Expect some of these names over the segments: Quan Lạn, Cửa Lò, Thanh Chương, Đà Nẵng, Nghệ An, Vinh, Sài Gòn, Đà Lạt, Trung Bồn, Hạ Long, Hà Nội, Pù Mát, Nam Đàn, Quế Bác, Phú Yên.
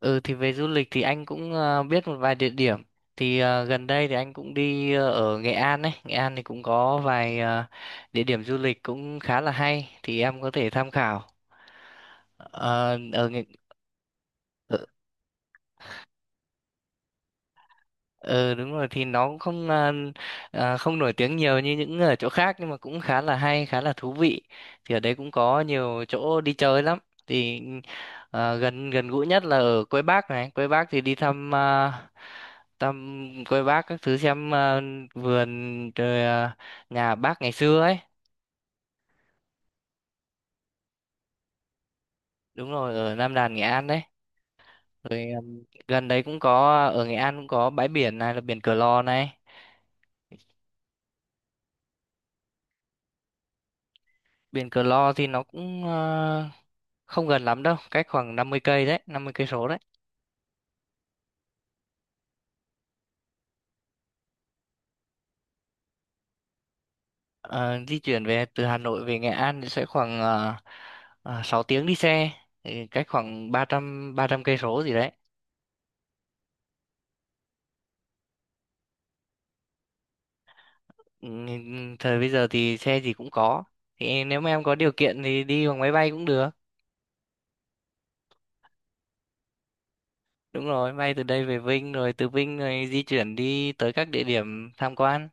Ừ thì về du lịch thì anh cũng biết một vài địa điểm. Thì gần đây thì anh cũng đi ở Nghệ An ấy. Nghệ An thì cũng có vài địa điểm du lịch cũng khá là hay thì em có thể tham khảo. Ờ, ở Nghệ... Ờ đúng rồi thì nó cũng không à, à, không nổi tiếng nhiều như những ở chỗ khác nhưng mà cũng khá là hay, khá là thú vị, thì ở đấy cũng có nhiều chỗ đi chơi lắm. thì gần gần gũi nhất là ở Quế Bác này. Quế Bác thì đi thăm Quế Bác các thứ, xem vườn, nhà bác ngày xưa ấy. Đúng rồi, ở Nam Đàn Nghệ An đấy. rồi à, Gần đấy cũng có, ở Nghệ An cũng có bãi biển, này là biển Cửa Lò này. Biển Cửa Lò thì nó không gần lắm đâu, cách khoảng 50 cây đấy, 50 cây số đấy. Ờ, di chuyển về từ Hà Nội về Nghệ An thì sẽ khoảng 6 tiếng đi xe, thì cách khoảng ba trăm cây số gì đấy. Ừ, thời bây giờ thì xe gì cũng có, thì nếu mà em có điều kiện thì đi bằng máy bay cũng được. Đúng rồi, bay từ đây về Vinh, rồi từ Vinh rồi di chuyển đi tới các địa điểm tham quan.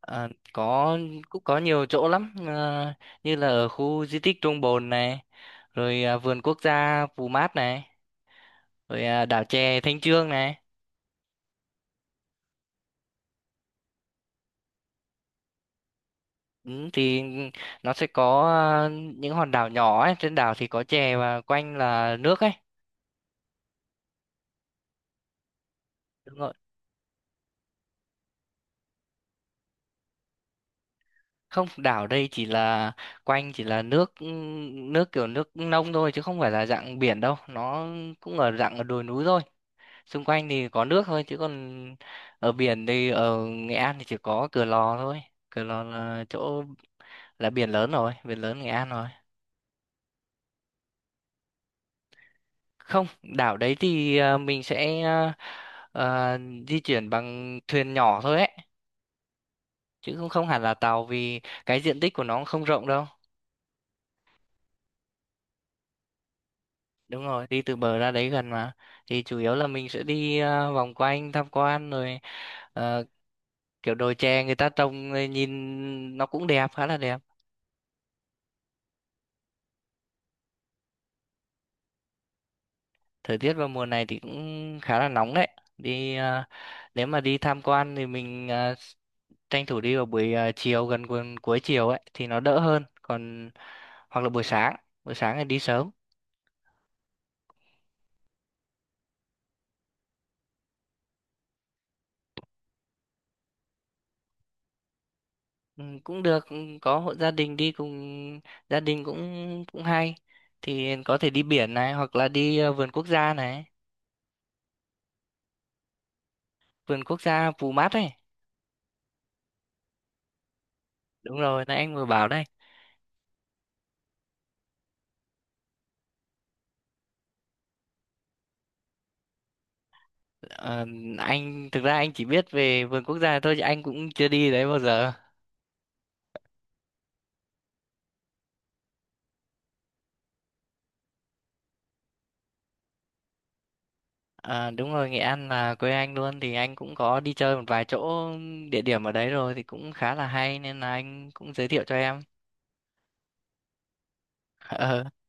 Ờ, có, cũng có nhiều chỗ lắm. Ờ, như là ở khu di tích Trung Bồn này, vườn quốc gia Pù Mát này, đảo chè Thanh Chương này. Ừ, thì nó sẽ có à, những hòn đảo nhỏ ấy, trên đảo thì có chè và quanh là nước ấy. Đúng rồi, không, đảo đây chỉ là quanh chỉ là nước, ừ, nước kiểu nước nông thôi chứ không phải là dạng biển đâu. Nó cũng ở dạng ở đồi núi thôi, xung quanh thì có nước thôi chứ còn ở biển thì ở Nghệ An thì chỉ có Cửa Lò thôi. Cửa Lò là chỗ là biển lớn rồi, biển lớn Nghệ An rồi. Không, đảo đấy thì mình sẽ ờ, di chuyển bằng thuyền nhỏ thôi ấy, chứ cũng không hẳn là tàu, vì cái diện tích của nó cũng không rộng đâu. Đúng rồi, đi từ bờ ra đấy gần mà. Thì chủ yếu là mình sẽ đi vòng quanh tham quan, rồi ờ, kiểu đồi chè người ta trồng rồi nhìn nó cũng đẹp, khá là đẹp. Thời tiết vào mùa này thì cũng khá là nóng đấy. Đi ờ, Nếu mà đi tham quan thì mình tranh thủ đi vào buổi ờ, chiều cuối chiều ấy thì nó đỡ hơn. Còn hoặc là buổi sáng, buổi sáng thì đi sớm. Ừ, cũng được, ừ, có hộ gia đình đi cùng gia đình cũng cũng hay, thì có thể đi biển này hoặc là đi vườn quốc gia này, vườn quốc gia Pù Mát ấy. Đúng rồi, nãy anh vừa bảo đấy. Ờ, anh thực ra anh chỉ biết về vườn quốc gia thôi chứ anh cũng chưa đi đấy bao giờ. Ờ, đúng rồi, Nghệ An là quê anh luôn, thì anh cũng có đi chơi một vài chỗ, địa điểm ở đấy rồi, thì cũng khá là hay nên là anh cũng giới thiệu cho em.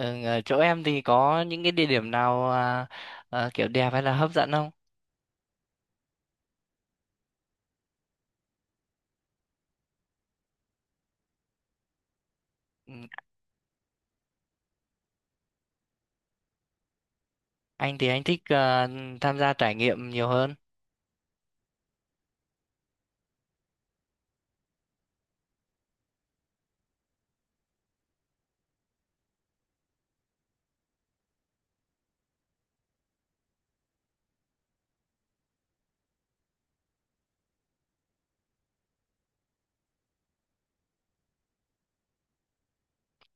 Ừ, ở chỗ em thì có những cái địa điểm nào, kiểu đẹp hay là hấp dẫn không? Ừ, anh thì anh thích tham gia trải nghiệm nhiều hơn.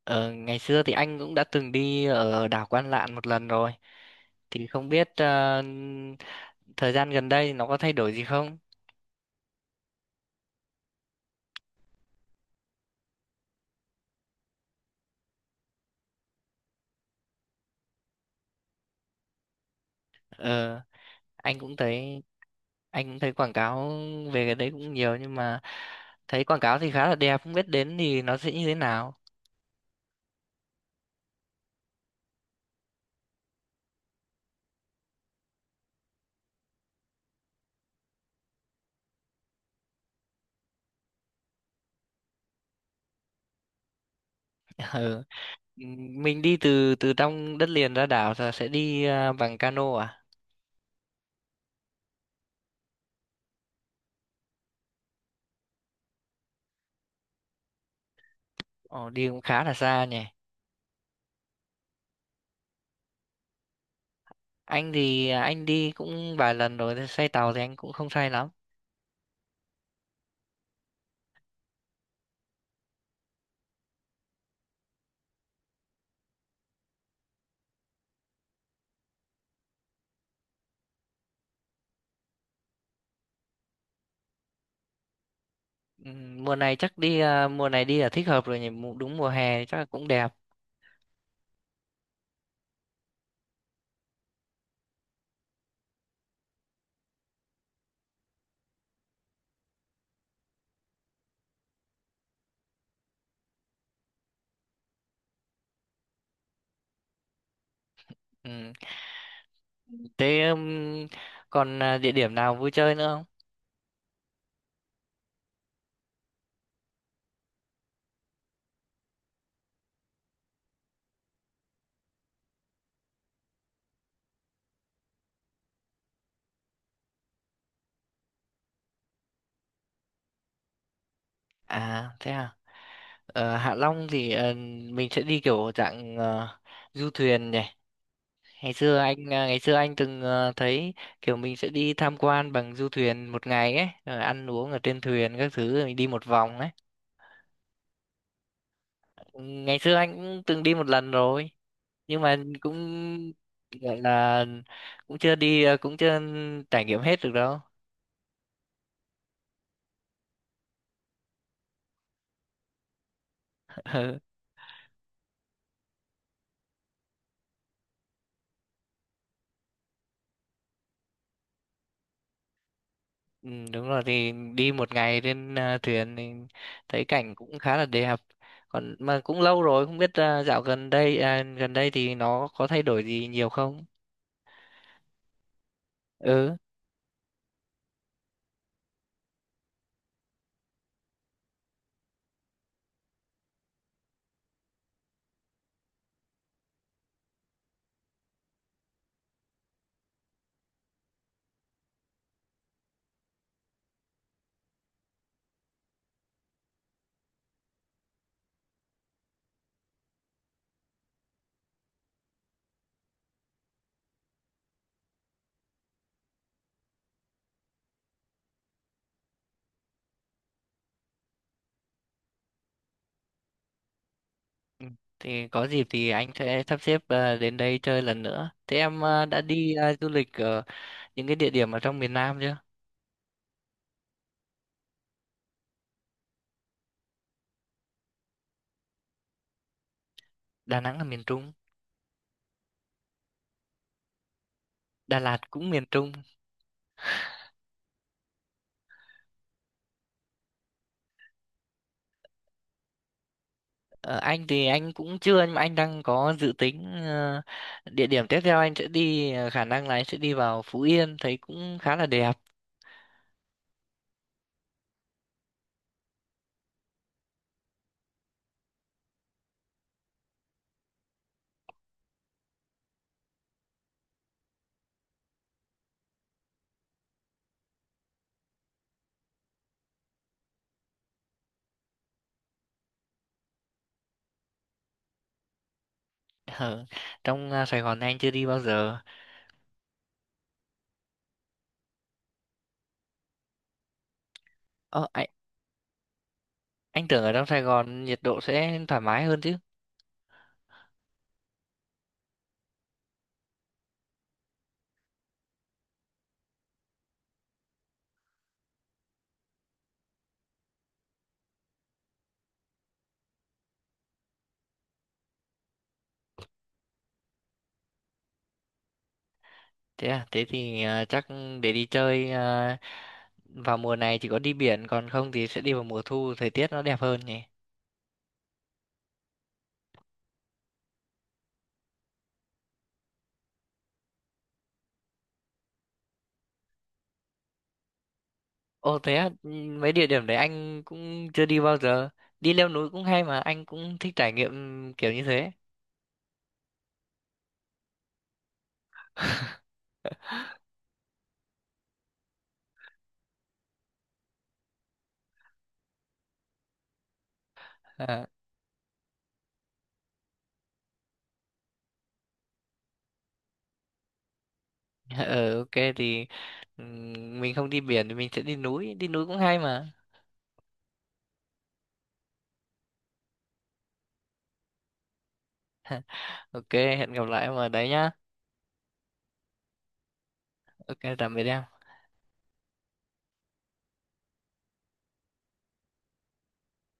Ở ngày xưa thì anh cũng đã từng đi ở đảo Quan Lạn một lần rồi. Thì không biết, thời gian gần đây nó có thay đổi gì không? Ờ, anh cũng thấy anh cũng thấy quảng cáo về cái đấy cũng nhiều, nhưng mà thấy quảng cáo thì khá là đẹp, không biết đến thì nó sẽ như thế nào. Mình đi từ từ trong đất liền ra đảo là sẽ đi bằng cano à? Ồ, đi cũng khá là xa nhỉ. Anh thì anh đi cũng vài lần rồi, thế say tàu thì anh cũng không say lắm. Mùa này chắc đi, mùa này đi là thích hợp rồi nhỉ. Đúng mùa hè thì chắc là cũng đẹp. Ừm, thế địa điểm nào vui chơi nữa không? À, thế à. Ờ, Hạ Long thì mình sẽ đi kiểu dạng du thuyền nhỉ. Ngày xưa ngày xưa anh từng thấy kiểu mình sẽ đi tham quan bằng du thuyền một ngày ấy, rồi ăn uống ở trên thuyền các thứ rồi mình đi một vòng ấy. Ừ, ngày xưa anh cũng từng đi một lần rồi, nhưng mà cũng gọi là cũng chưa đi à, cũng chưa trải nghiệm hết được đâu. Ừ, đúng rồi, thì đi một ngày trên thuyền thì thấy cảnh cũng khá là đẹp. Còn mà cũng lâu rồi, không biết à, dạo gần đây à, gần đây thì nó có thay đổi gì nhiều không? Ừ. Ừ, thì có dịp thì anh sẽ sắp xếp đến đây chơi lần nữa. Thế em đã đi du lịch ở những cái địa điểm ở trong miền Nam chưa? Đà Nẵng là miền Trung. Đà Lạt cũng miền Trung. Ờ, anh thì anh cũng chưa, nhưng mà anh đang có dự tính, địa điểm tiếp theo anh sẽ đi, khả năng là anh sẽ đi vào Phú Yên, thấy cũng khá là đẹp. Ở trong Sài Gòn anh chưa đi bao giờ. Ờ, anh, anh tưởng ở trong Sài Gòn nhiệt độ sẽ thoải mái hơn chứ. Thế à, thế thì chắc để đi chơi vào mùa này chỉ có đi biển, còn không thì sẽ đi vào mùa thu thời tiết nó đẹp hơn nhỉ. Ồ thế à, ừ, mấy địa điểm đấy anh cũng chưa đi bao giờ. Đi leo núi cũng hay, mà anh cũng thích trải nghiệm kiểu như thế. À, ờ ok, thì mình không đi biển thì mình sẽ đi núi cũng hay mà. Ok, hẹn gặp lại mà đấy nhá. Ok, tạm biệt em.